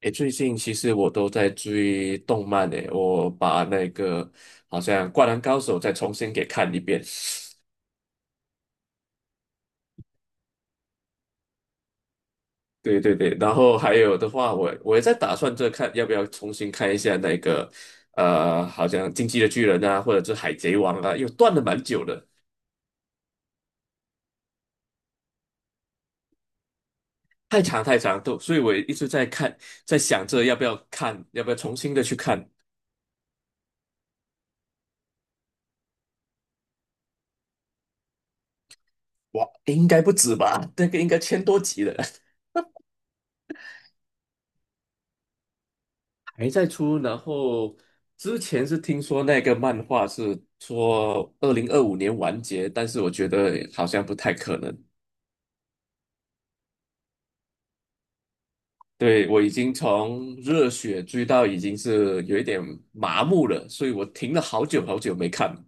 诶，最近其实我都在追动漫诶，我把那个好像《灌篮高手》再重新给看一遍。对对对，然后还有的话，我也在打算这看要不要重新看一下那个好像《进击的巨人》啊，或者是《海贼王》啊，又断了蛮久的，太长太长，都，所以我一直在看，在想着要不要看，要不要重新的去看。哇，应该不止吧？那个应该千多集了。还在出，然后之前是听说那个漫画是说2025年完结，但是我觉得好像不太可能。对，我已经从热血追到已经是有一点麻木了，所以我停了好久好久没看了，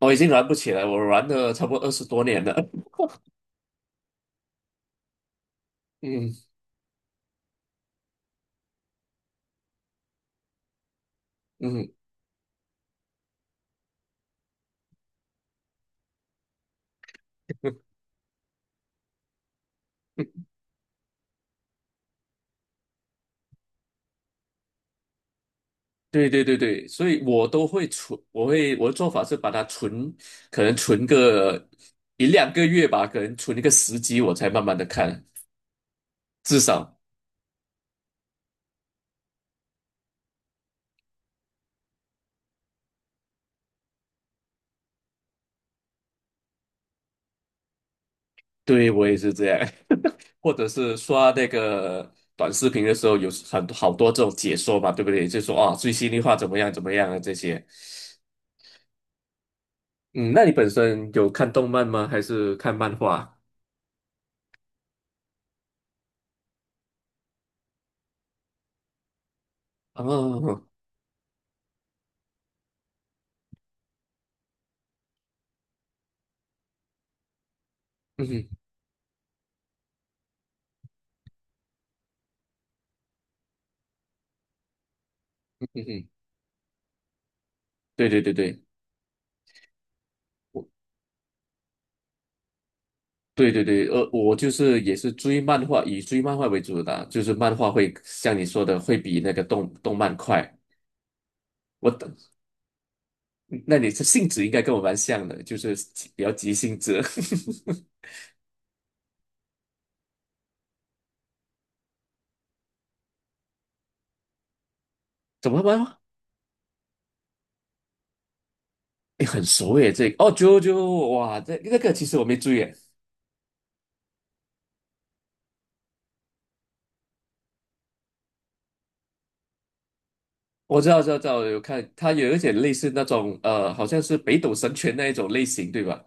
我已经玩不起来，我玩了差不多20多年了。嗯嗯，对对对对，所以我都会存，我的做法是把它存，可能存个一两个月吧，可能存一个时机，我才慢慢的看。至少对我也是这样，或者是刷那个短视频的时候，有很多好多这种解说嘛，对不对？就说啊，最新的话怎么样怎么样啊这些。嗯，那你本身有看动漫吗？还是看漫画？哦，嗯哼嗯哼，对对对对，我对对对，我就是也是追漫画，以追漫画为主的啊就是漫画会像你说的，会比那个动漫快。我等，那你这性质应该跟我蛮像的，就是比较急性子。怎么了吗？哎，很熟耶，这个哦，九九九，哇，这那个其实我没注意耶我知道，知道，知道，有看，它有一点类似那种，好像是北斗神拳那一种类型，对吧？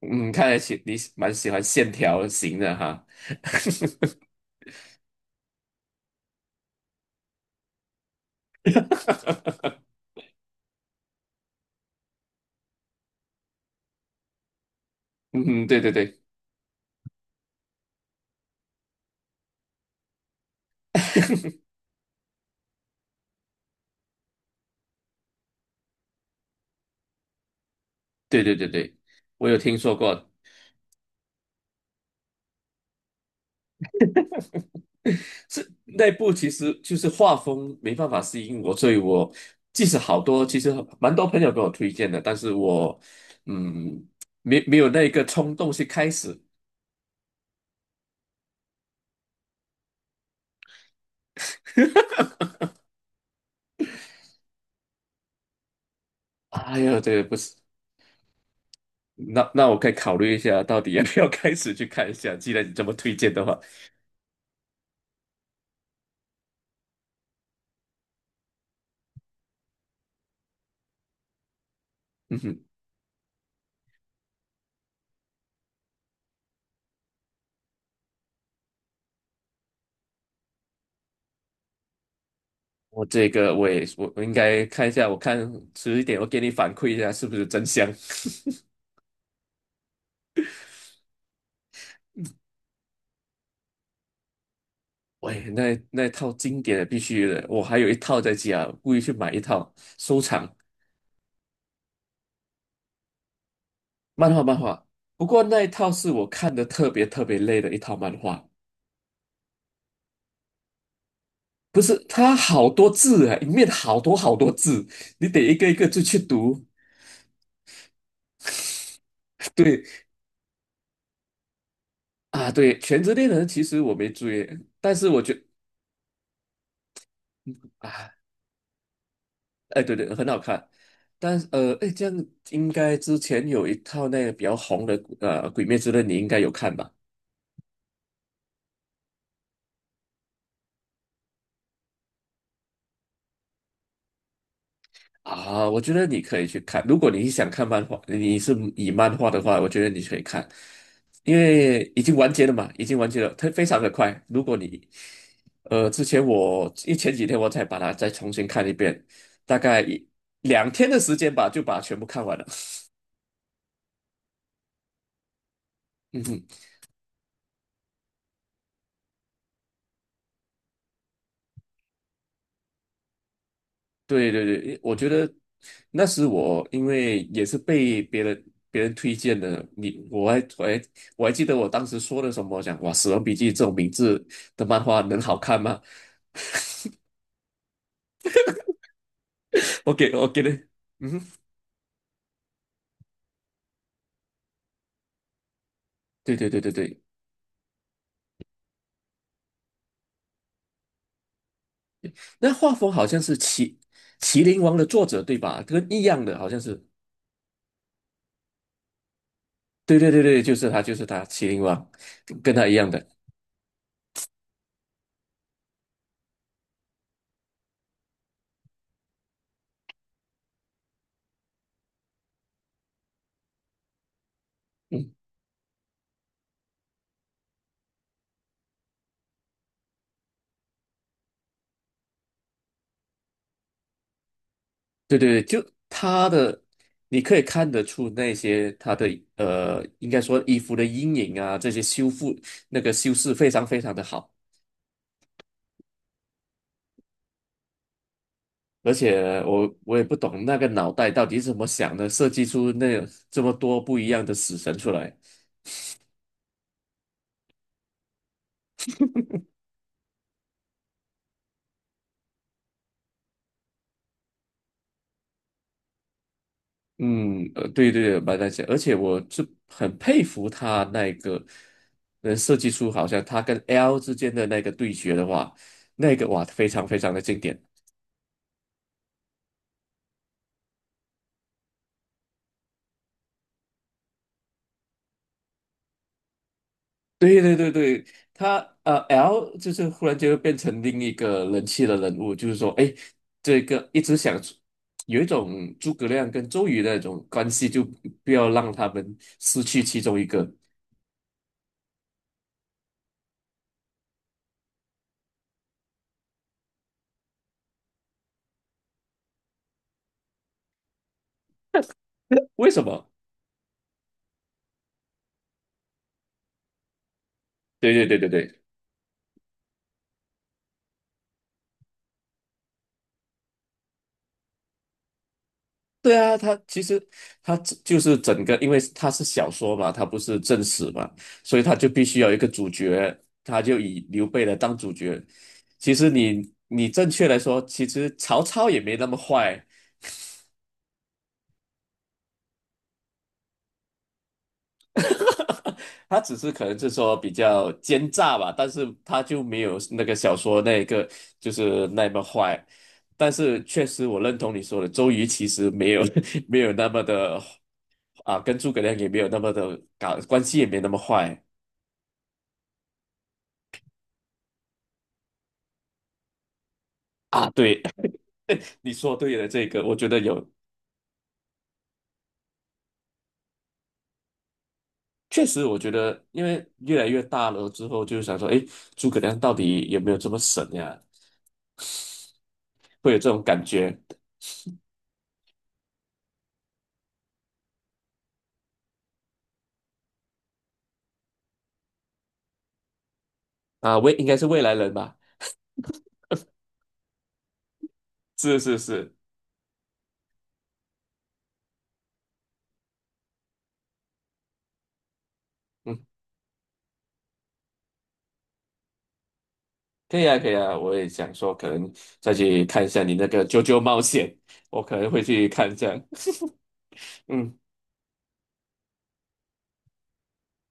嗯，看来你蛮喜欢线条型的哈，嗯，对对对，对对对对，我有听说过，是那部其实就是画风没办法适应我，所以我即使好多，其实蛮多朋友给我推荐的，但是我嗯，没有那个冲动去开始，哎呀，这个不是。那我可以考虑一下，到底要不要开始去看一下。既然你这么推荐的话，嗯哼，我这个我也我我应该看一下，我看迟一点我给你反馈一下是不是真香。喂，那套经典的必须的，我还有一套在家，故意去买一套收藏漫画漫画。不过那一套是我看的特别特别累的一套漫画，不是它好多字啊，里面好多好多字，你得一个一个字去读。对啊，对《全职猎人》其实我没追，但是我觉啊，哎，对对，很好看。但是哎，这样应该之前有一套那个比较红的《鬼灭之刃》，你应该有看吧？啊，我觉得你可以去看。如果你想看漫画，你是以漫画的话，我觉得你可以看，因为已经完结了嘛，已经完结了，它非常的快。如果你呃，之前前几天我才把它再重新看一遍，大概一两天的时间吧，就把它全部看完了。对对对，我觉得那时我因为也是被别人推荐的，你我还我还我还记得我当时说的什么，讲哇《死亡笔记》这种名字的漫画能好看吗？我给的，嗯哼对对对对对，那画风好像是麒麟王的作者对吧？跟一样的，好像是，对对对对，就是他麒麟王，跟他一样的，嗯对对对，就他的，你可以看得出那些应该说衣服的阴影啊，这些修复那个修饰非常非常的好，而且我也不懂那个脑袋到底是怎么想的，设计出那这么多不一样的死神出来。嗯，对对对，蛮难想，而且我是很佩服他那个能设计出好像他跟 L 之间的那个对决的话，那个哇非常非常的经典。对对对对，他L 就是忽然就变成另一个人气的人物，就是说，哎，这个一直想有一种诸葛亮跟周瑜的那种关系，就不要让他们失去其中一个。为什么？对对对对对，对啊，他其实他只就是整个，因为他是小说嘛，他不是正史嘛，所以他就必须要有一个主角，他就以刘备来当主角。其实你正确来说，其实曹操也没那么坏。他只是可能是说比较奸诈吧，但是他就没有那个小说那一个就是那么坏。但是确实，我认同你说的，周瑜其实没有 没有那么的啊，跟诸葛亮也没有那么的搞，关系也没那么坏啊。对，你说对了，这个我觉得有，确实我觉得，因为越来越大了之后，就想说，诶，诸葛亮到底有没有这么神呀？会有这种感觉啊？未应该是未来人吧？是是是，嗯。可以啊，可以啊，我也想说，可能再去看一下你那个《啾啾冒险》，我可能会去看一下。嗯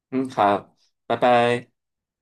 嗯，好，拜拜。